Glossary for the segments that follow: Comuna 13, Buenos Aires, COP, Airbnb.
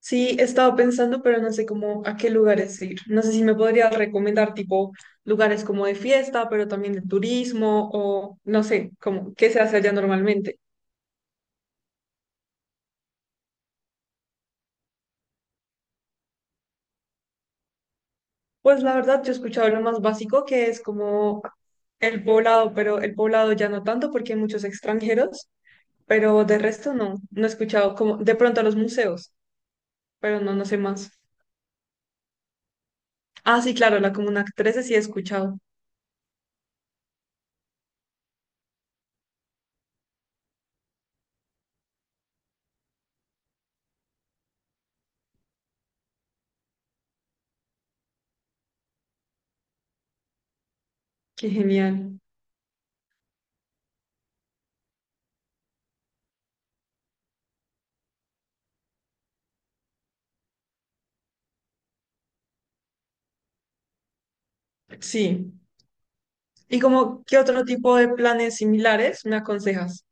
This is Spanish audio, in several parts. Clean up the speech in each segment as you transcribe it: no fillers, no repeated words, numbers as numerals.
Sí, he estado pensando, pero no sé cómo a qué lugares ir. No sé si me podrías recomendar tipo lugares como de fiesta, pero también de turismo o no sé, como qué se hace allá normalmente. Pues la verdad, yo he escuchado lo más básico que es como el poblado, pero el poblado ya no tanto porque hay muchos extranjeros, pero de resto no he escuchado como de pronto los museos, pero no sé más. Ah, sí, claro, la Comuna 13 sí he escuchado. Qué genial. Sí. Y como, ¿qué otro tipo de planes similares me aconsejas?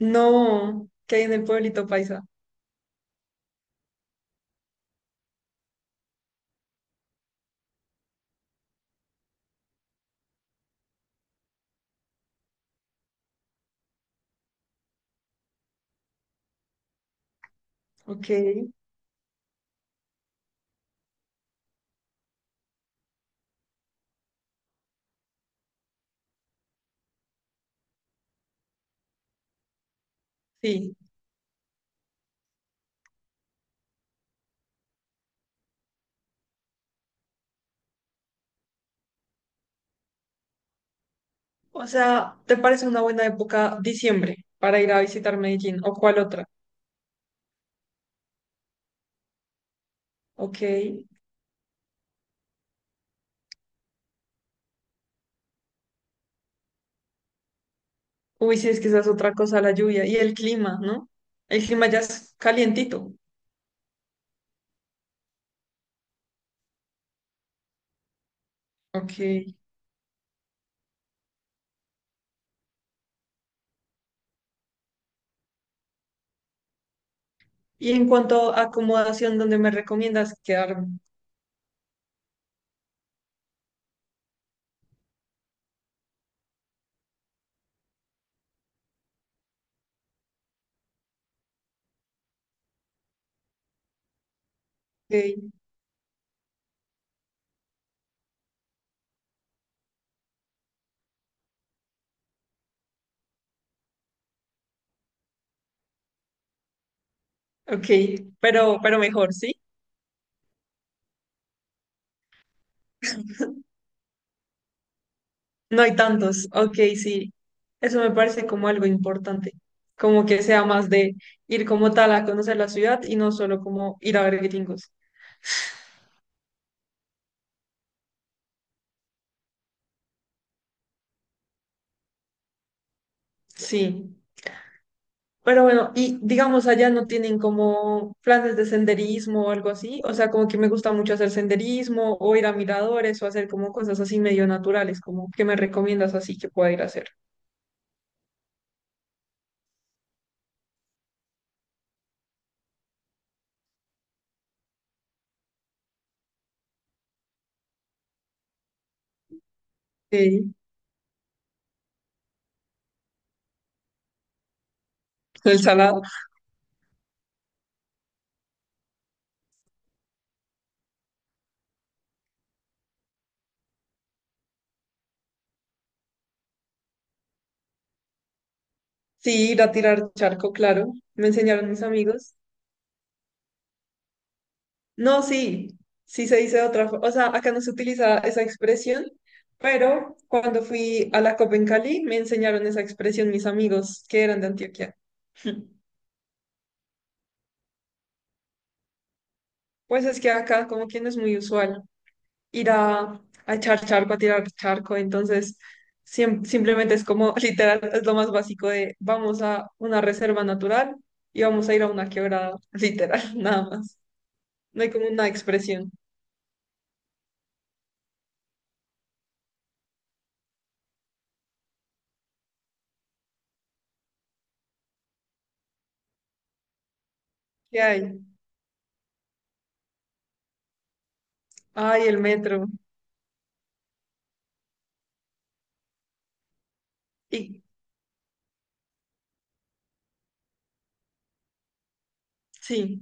No, que hay en el pueblito paisa. Ok, sí. O sea, ¿te parece una buena época diciembre para ir a visitar Medellín o cuál otra? Ok. Uy, sí, es que esa es otra cosa, la lluvia y el clima, ¿no? El clima ya es calientito. Ok. Y en cuanto a acomodación, ¿dónde me recomiendas quedarme? Ok, ok, pero mejor, ¿sí? No hay tantos. Ok, sí. Eso me parece como algo importante. Como que sea más de ir como tal a conocer la ciudad y no solo como ir a ver gringos. Sí. Pero bueno, y digamos allá no tienen como planes de senderismo o algo así. O sea, como que me gusta mucho hacer senderismo o ir a miradores o hacer como cosas así medio naturales, como que me recomiendas así que pueda ir a hacer. Sí, el salado. Sí, ir a tirar charco, claro. Me enseñaron mis amigos. No, sí, sí se dice de otra forma. O sea, acá no se utiliza esa expresión, pero cuando fui a la COP en Cali me enseñaron esa expresión mis amigos que eran de Antioquia. Pues es que acá como que no es muy usual ir a echar charco, a tirar charco, entonces simplemente es como literal, es lo más básico de vamos a una reserva natural y vamos a ir a una quebrada, literal, nada más. No hay como una expresión. ¿Qué hay? Ay, el metro. Y sí.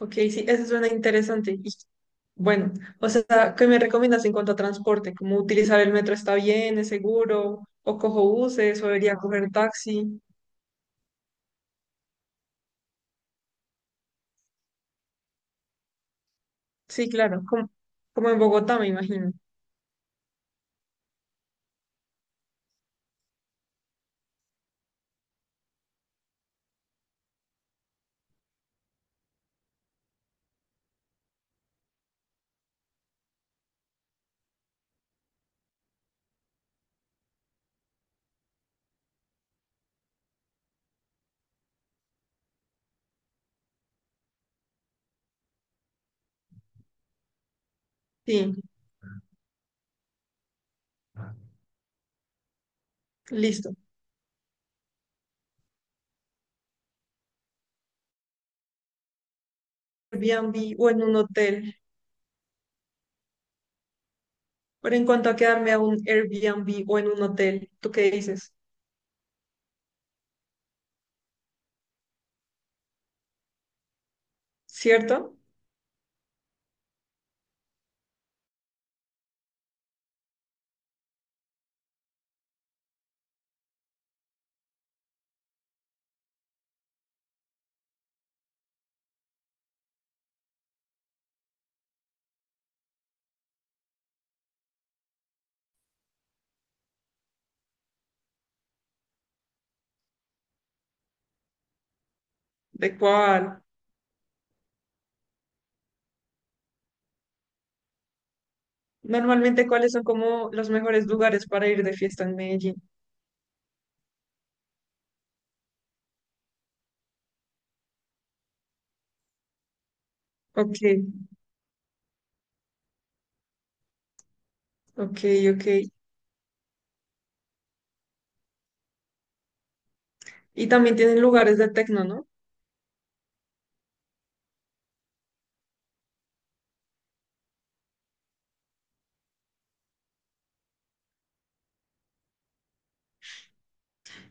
Ok, sí, eso suena interesante. Y bueno, o sea, ¿qué me recomiendas en cuanto a transporte? ¿Cómo utilizar el metro está bien, es seguro? ¿O cojo buses o debería coger taxi? Sí, claro, como, como en Bogotá, me imagino. Sí, listo. Airbnb o en un hotel. Pero en cuanto a quedarme a un Airbnb o en un hotel, ¿tú qué dices? ¿Cierto? ¿De cuál? Normalmente, ¿cuáles son como los mejores lugares para ir de fiesta en Medellín? Ok, ok, ok. Y también tienen lugares de tecno, ¿no?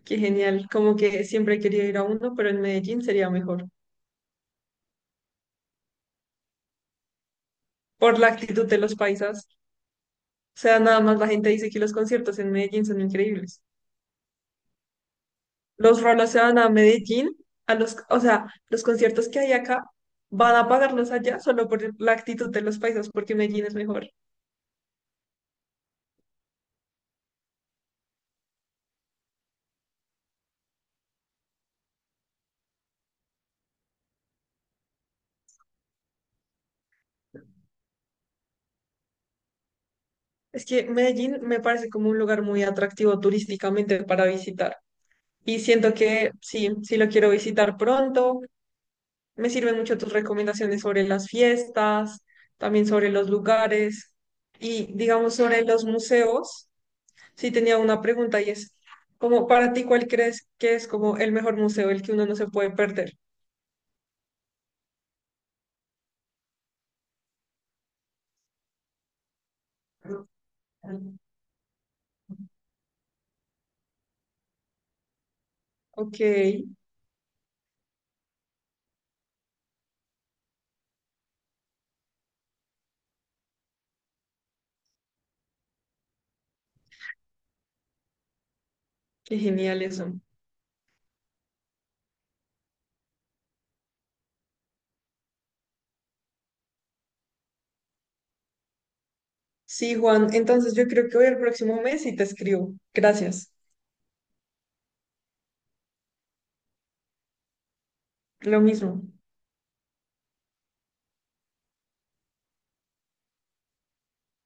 Qué genial, como que siempre he querido ir a uno, pero en Medellín sería mejor, por la actitud de los paisas. O sea, nada más la gente dice que los conciertos en Medellín son increíbles. Los rolos se van a Medellín, a los, o sea, los conciertos que hay acá van a pagarlos allá solo por la actitud de los paisas, porque Medellín es mejor. Es que Medellín me parece como un lugar muy atractivo turísticamente para visitar. Y siento que sí, sí lo quiero visitar pronto. Me sirven mucho tus recomendaciones sobre las fiestas, también sobre los lugares y digamos sobre los museos. Sí tenía una pregunta y es, como para ti, ¿cuál crees que es como el mejor museo, el que uno no se puede perder? Ok, qué genial eso. Sí, Juan, entonces yo creo que hoy el próximo mes y te escribo. Gracias. Lo mismo.